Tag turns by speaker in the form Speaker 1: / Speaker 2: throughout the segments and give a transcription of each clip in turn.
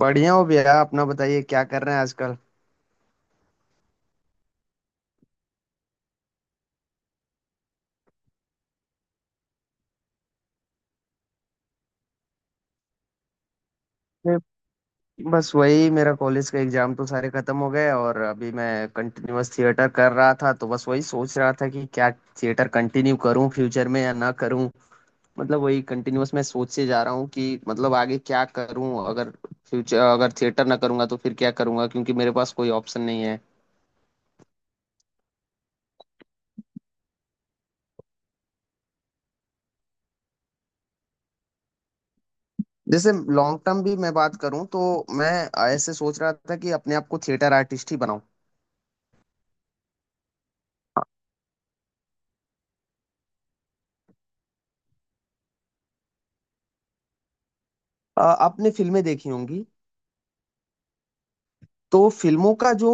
Speaker 1: बढ़िया हो भैया, अपना बताइए क्या कर रहे हैं आजकल। मैं- बस वही, मेरा कॉलेज का एग्जाम तो सारे खत्म हो गए और अभी मैं कंटिन्यूअस थिएटर कर रहा था, तो बस वही सोच रहा था कि क्या थिएटर कंटिन्यू करूं फ्यूचर में या ना करूं। मतलब वही कंटिन्यूअस मैं सोचे जा रहा हूं कि मतलब आगे क्या करूं, अगर फ्यूचर अगर थिएटर ना करूंगा तो फिर क्या करूंगा, क्योंकि मेरे पास कोई ऑप्शन नहीं है। जैसे लॉन्ग टर्म भी मैं बात करूं, तो मैं ऐसे सोच रहा था कि अपने आप को थिएटर आर्टिस्ट ही बनाऊं। आपने फिल्में देखी होंगी। तो फिल्मों का जो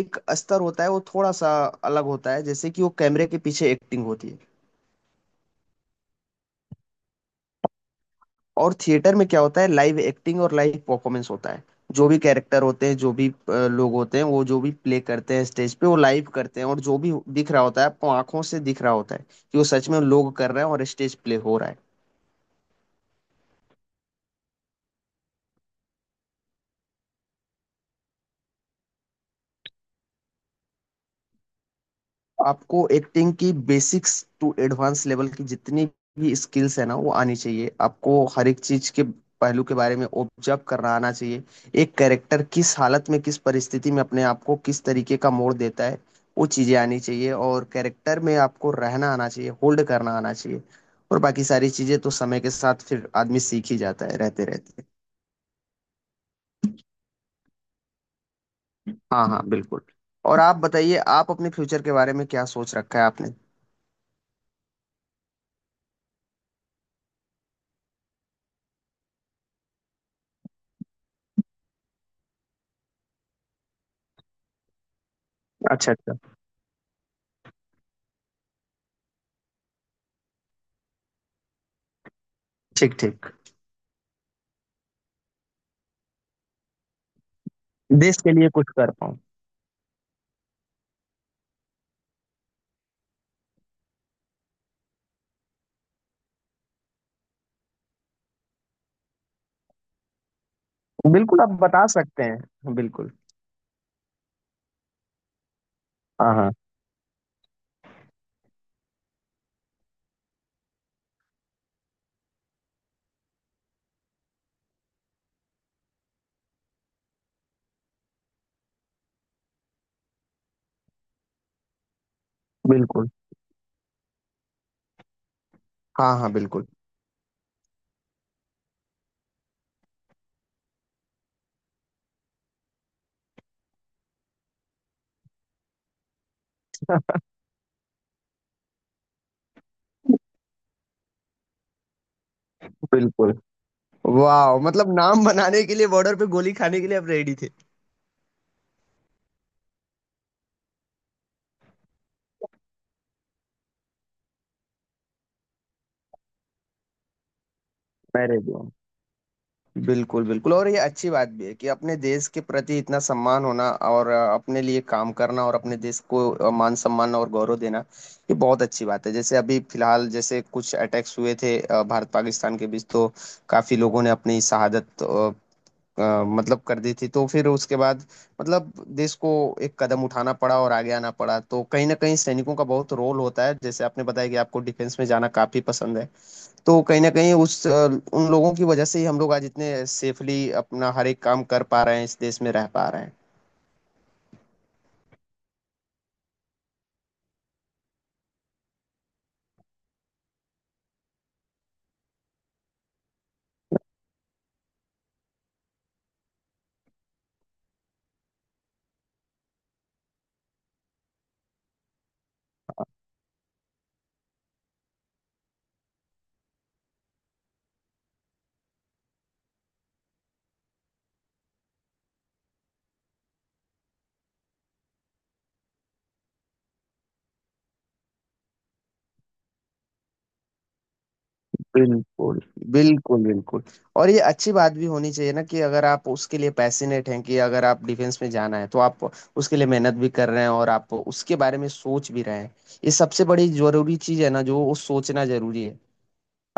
Speaker 1: एक स्तर होता है वो थोड़ा सा अलग होता है, जैसे कि वो कैमरे के पीछे एक्टिंग होती है। और थिएटर में क्या होता है, लाइव एक्टिंग और लाइव परफॉर्मेंस होता है। जो भी कैरेक्टर होते हैं, जो भी लोग होते हैं, वो जो भी प्ले करते हैं स्टेज पे वो लाइव करते हैं, और जो भी दिख रहा होता है आपको आंखों से दिख रहा होता है, कि वो सच में लोग कर रहे हैं और स्टेज प्ले हो रहा है। आपको एक्टिंग की बेसिक्स टू एडवांस लेवल की जितनी भी स्किल्स है ना, वो आनी चाहिए। आपको हर एक चीज के पहलू के बारे में ऑब्जर्व करना आना चाहिए। एक कैरेक्टर किस हालत में, किस परिस्थिति में अपने आप को किस तरीके का मोड़ देता है, वो चीजें आनी चाहिए। और कैरेक्टर में आपको रहना आना चाहिए, होल्ड करना आना चाहिए। और बाकी सारी चीजें तो समय के साथ फिर आदमी सीख ही जाता है रहते रहते। हाँ हाँ बिल्कुल। और आप बताइए, आप अपने फ्यूचर के बारे में क्या सोच रखा है आपने। अच्छा अच्छा। ठीक ठीक। देश के लिए कुछ कर पाऊँ। बिल्कुल आप बता सकते हैं, बिल्कुल। हाँ हाँ बिल्कुल। हाँ हाँ बिल्कुल बिल्कुल। वाह, मतलब नाम बनाने के लिए बॉर्डर पे गोली खाने के लिए आप रेडी थे। मैं रेडी हूँ। बिल्कुल बिल्कुल, और ये अच्छी बात भी है कि अपने देश के प्रति इतना सम्मान होना, और अपने लिए काम करना और अपने देश को मान सम्मान और गौरव देना। ये बहुत अच्छी बात है। जैसे अभी फिलहाल जैसे कुछ अटैक्स हुए थे भारत पाकिस्तान के बीच, तो काफी लोगों ने अपनी शहादत मतलब कर दी थी। तो फिर उसके बाद मतलब देश को एक कदम उठाना पड़ा और आगे आना पड़ा, तो कहीं ना कहीं सैनिकों का बहुत रोल होता है। जैसे आपने बताया कि आपको डिफेंस में जाना काफी पसंद है, तो कहीं ना कहीं उन लोगों की वजह से ही हम लोग आज इतने सेफली अपना हर एक काम कर पा रहे हैं, इस देश में रह पा रहे हैं। बिल्कुल बिल्कुल बिल्कुल। और ये अच्छी बात भी होनी चाहिए ना, कि अगर आप उसके लिए पैशनेट हैं, कि अगर आप डिफेंस में जाना है तो आप उसके लिए मेहनत भी कर रहे हैं और आप उसके बारे में सोच भी रहे हैं। ये सबसे बड़ी जरूरी चीज है ना, जो वो सोचना जरूरी है।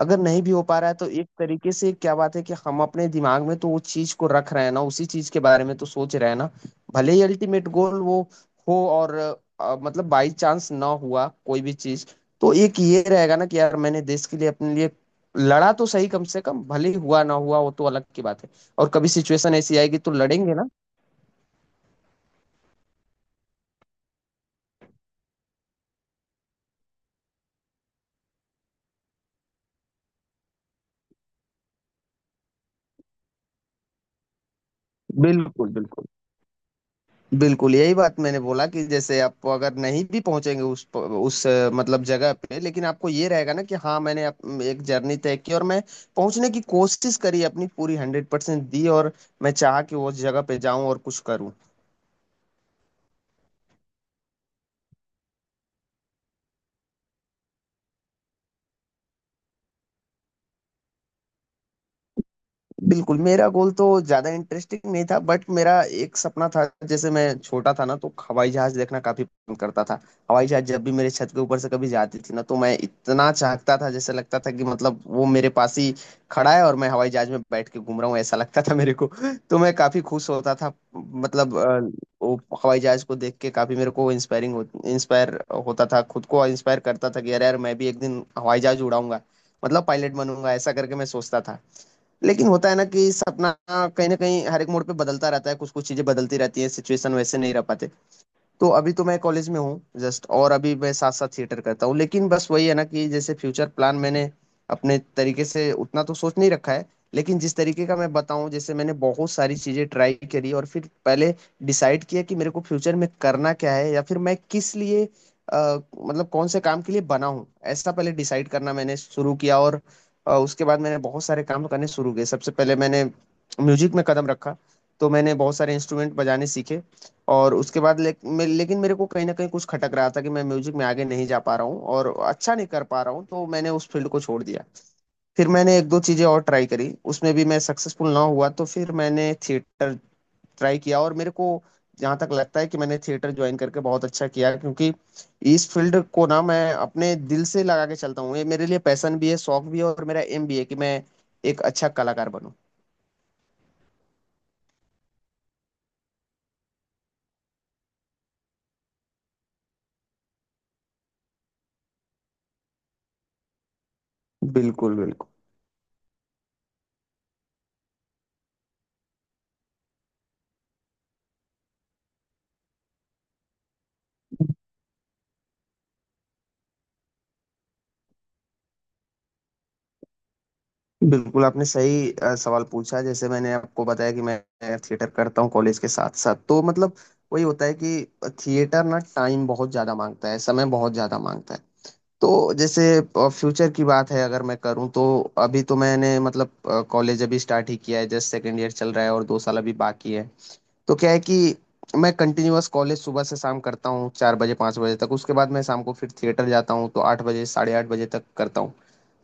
Speaker 1: अगर नहीं भी हो पा रहा है, तो एक तरीके से क्या बात है कि हम अपने दिमाग में तो वो चीज को रख रहे हैं ना, उसी चीज के बारे में तो सोच रहे हैं ना। भले ही अल्टीमेट गोल वो हो, और मतलब बाई चांस ना हुआ कोई भी चीज, तो एक ये रहेगा ना कि यार मैंने देश के लिए, अपने लिए लड़ा तो सही, कम से कम। भले ही हुआ ना हुआ वो तो अलग की बात है, और कभी सिचुएशन ऐसी आएगी तो लड़ेंगे ना। बिल्कुल बिल्कुल। बिल्कुल यही बात मैंने बोला कि जैसे आप अगर नहीं भी पहुंचेंगे उस मतलब जगह पे, लेकिन आपको ये रहेगा ना कि हाँ मैंने एक जर्नी तय की और मैं पहुंचने की कोशिश करी, अपनी पूरी 100% दी, और मैं चाहा कि उस जगह पे जाऊं और कुछ करूं। बिल्कुल, मेरा गोल तो ज्यादा इंटरेस्टिंग नहीं था, बट मेरा एक सपना था। जैसे मैं छोटा था ना, तो हवाई जहाज देखना काफी पसंद करता था। हवाई जहाज जब भी मेरे छत के ऊपर से कभी जाती थी ना, तो मैं इतना चाहता था, जैसे लगता था कि मतलब वो मेरे पास ही खड़ा है और मैं हवाई जहाज में बैठ के घूम रहा हूँ, ऐसा लगता था मेरे को। तो मैं काफी खुश होता था, मतलब वो हवाई जहाज को देख के काफी मेरे को इंस्पायर होता था, खुद को इंस्पायर करता था कि यार यार मैं भी एक दिन हवाई जहाज उड़ाऊंगा, मतलब पायलट बनूंगा, ऐसा करके मैं सोचता था। लेकिन होता है ना कि सपना कहीं ना कहीं हर एक मोड़ पे बदलता रहता है, कुछ कुछ चीजें बदलती रहती है, सिचुएशन वैसे नहीं रह पाते। तो अभी तो मैं कॉलेज में हूँ जस्ट, और अभी मैं साथ साथ थिएटर करता हूँ। लेकिन बस वही है ना, कि जैसे फ्यूचर प्लान मैंने अपने तरीके से उतना तो सोच नहीं रखा है। लेकिन जिस तरीके का मैं बताऊं, जैसे मैंने बहुत सारी चीजें ट्राई करी और फिर पहले डिसाइड किया कि मेरे को फ्यूचर में करना क्या है, या फिर मैं किस लिए अ, मतलब कौन से काम के लिए बना हूँ, ऐसा पहले डिसाइड करना मैंने शुरू किया। और उसके बाद मैंने बहुत सारे काम करने शुरू किए। सबसे पहले मैंने म्यूजिक में कदम रखा, तो मैंने बहुत सारे इंस्ट्रूमेंट बजाने सीखे। और उसके बाद लेकिन मेरे को कहीं ना कहीं कुछ खटक रहा था कि मैं म्यूजिक में आगे नहीं जा पा रहा हूँ और अच्छा नहीं कर पा रहा हूँ, तो मैंने उस फील्ड को छोड़ दिया। फिर मैंने एक दो चीजें और ट्राई करी, उसमें भी मैं सक्सेसफुल ना हुआ, तो फिर मैंने थिएटर ट्राई किया। और मेरे को जहाँ तक लगता है कि मैंने थिएटर ज्वाइन करके बहुत अच्छा किया, क्योंकि इस फील्ड को ना मैं अपने दिल से लगा के चलता हूँ। ये मेरे लिए पैशन भी है, शौक भी है, और मेरा एम भी है कि मैं एक अच्छा कलाकार बनूं। बिल्कुल बिल्कुल। बिल्कुल आपने सही सवाल पूछा। जैसे मैंने आपको बताया कि मैं थिएटर करता हूँ कॉलेज के साथ साथ, तो मतलब वही होता है कि थिएटर ना टाइम बहुत ज़्यादा मांगता है, समय बहुत ज़्यादा मांगता है। तो जैसे फ्यूचर की बात है अगर मैं करूँ, तो अभी तो मैंने मतलब कॉलेज अभी स्टार्ट ही किया है जस्ट, सेकेंड ईयर चल रहा है और 2 साल अभी बाकी है। तो क्या है कि मैं कंटिन्यूअस कॉलेज सुबह से शाम करता हूँ, 4 बजे 5 बजे तक। उसके बाद मैं शाम को फिर थिएटर जाता हूँ, तो 8 बजे 8:30 बजे तक करता हूँ।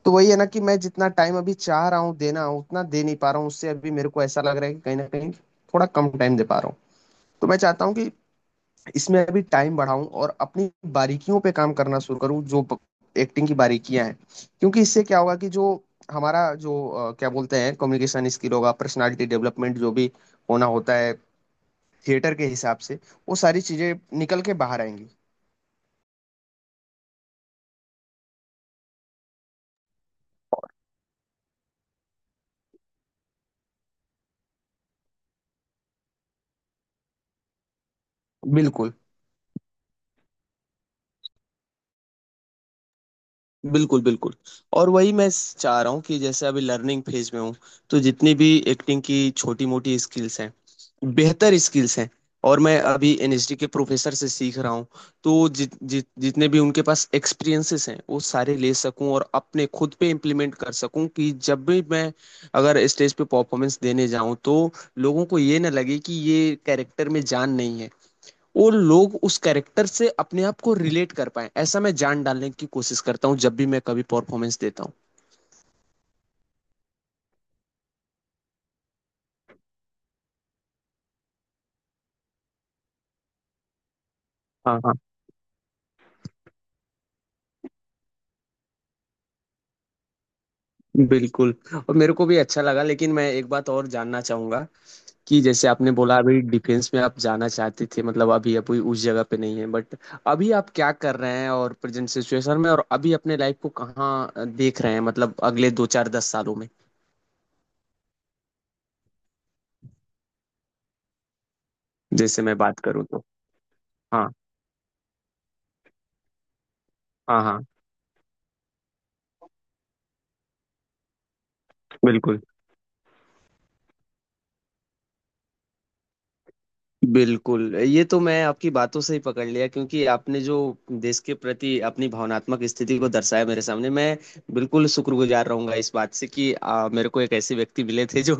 Speaker 1: तो वही है ना कि मैं जितना टाइम अभी चाह रहा हूँ देना, उतना दे नहीं पा रहा हूँ। उससे अभी मेरे को ऐसा लग रहा है कि कहीं ना कहीं थोड़ा कम टाइम दे पा रहा हूँ। तो मैं चाहता हूँ कि इसमें अभी टाइम बढ़ाऊं और अपनी बारीकियों पे काम करना शुरू करूँ, जो एक्टिंग की बारीकियां हैं। क्योंकि इससे क्या होगा कि जो हमारा जो क्या बोलते हैं, कम्युनिकेशन स्किल होगा, पर्सनालिटी डेवलपमेंट जो भी होना होता है थिएटर के हिसाब से, वो सारी चीजें निकल के बाहर आएंगी। बिल्कुल बिल्कुल। और वही मैं स चाह रहा हूँ कि जैसे अभी लर्निंग फेज़ में हूँ, तो जितनी भी एक्टिंग की छोटी-मोटी स्किल्स हैं, बेहतर स्किल्स हैं, और मैं अभी एनएसडी के प्रोफ़ेसर से सीख रहा हूँ। तो जित जित जितने भी उनके पास एक्सपीरियंसेस हैं, वो सारे ले सकूँ और अपने खुद पे इम्प्लीमेंट कर सकूँ, कि जब भी मैं अगर स्टेज पे परफ़ॉर्मेंस देने जाऊँ, तो लोगों को ये ना लगे कि ये कैरेक्टर में जान नहीं है। वो लोग उस कैरेक्टर से अपने आप को रिलेट कर पाए, ऐसा मैं जान डालने की कोशिश करता हूँ जब भी मैं कभी परफॉर्मेंस देता हूँ। हाँ हाँ बिल्कुल। और मेरे को भी अच्छा लगा, लेकिन मैं एक बात और जानना चाहूंगा, कि जैसे आपने बोला अभी डिफेंस में आप जाना चाहते थे, मतलब अभी अभी उस जगह पे नहीं है, बट अभी आप क्या कर रहे हैं और प्रेजेंट सिचुएशन में, और अभी अपने लाइफ को कहाँ देख रहे हैं, मतलब अगले दो चार दस सालों में। जैसे मैं बात करूँ तो। हाँ हाँ हाँ बिल्कुल। बिल्कुल ये तो मैं आपकी बातों से ही पकड़ लिया, क्योंकि आपने जो देश के प्रति अपनी भावनात्मक स्थिति को दर्शाया मेरे सामने, मैं बिल्कुल शुक्रगुजार रहूंगा इस बात से कि मेरे को एक ऐसे व्यक्ति मिले थे जो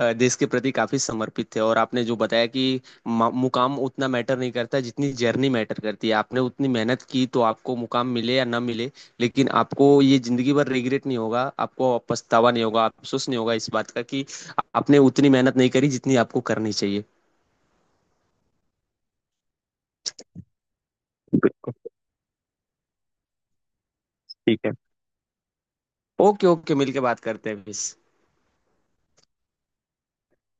Speaker 1: देश के प्रति काफी समर्पित थे। और आपने जो बताया कि मुकाम उतना मैटर नहीं करता जितनी जर्नी मैटर करती है। आपने उतनी मेहनत की, तो आपको मुकाम मिले या ना मिले, लेकिन आपको ये जिंदगी भर रिग्रेट नहीं होगा, आपको पछतावा नहीं होगा, अफसोस नहीं होगा इस बात का, कि आपने उतनी मेहनत नहीं करी जितनी आपको करनी चाहिए। ठीक है। ओके ओके, मिलके बात करते हैं फिर।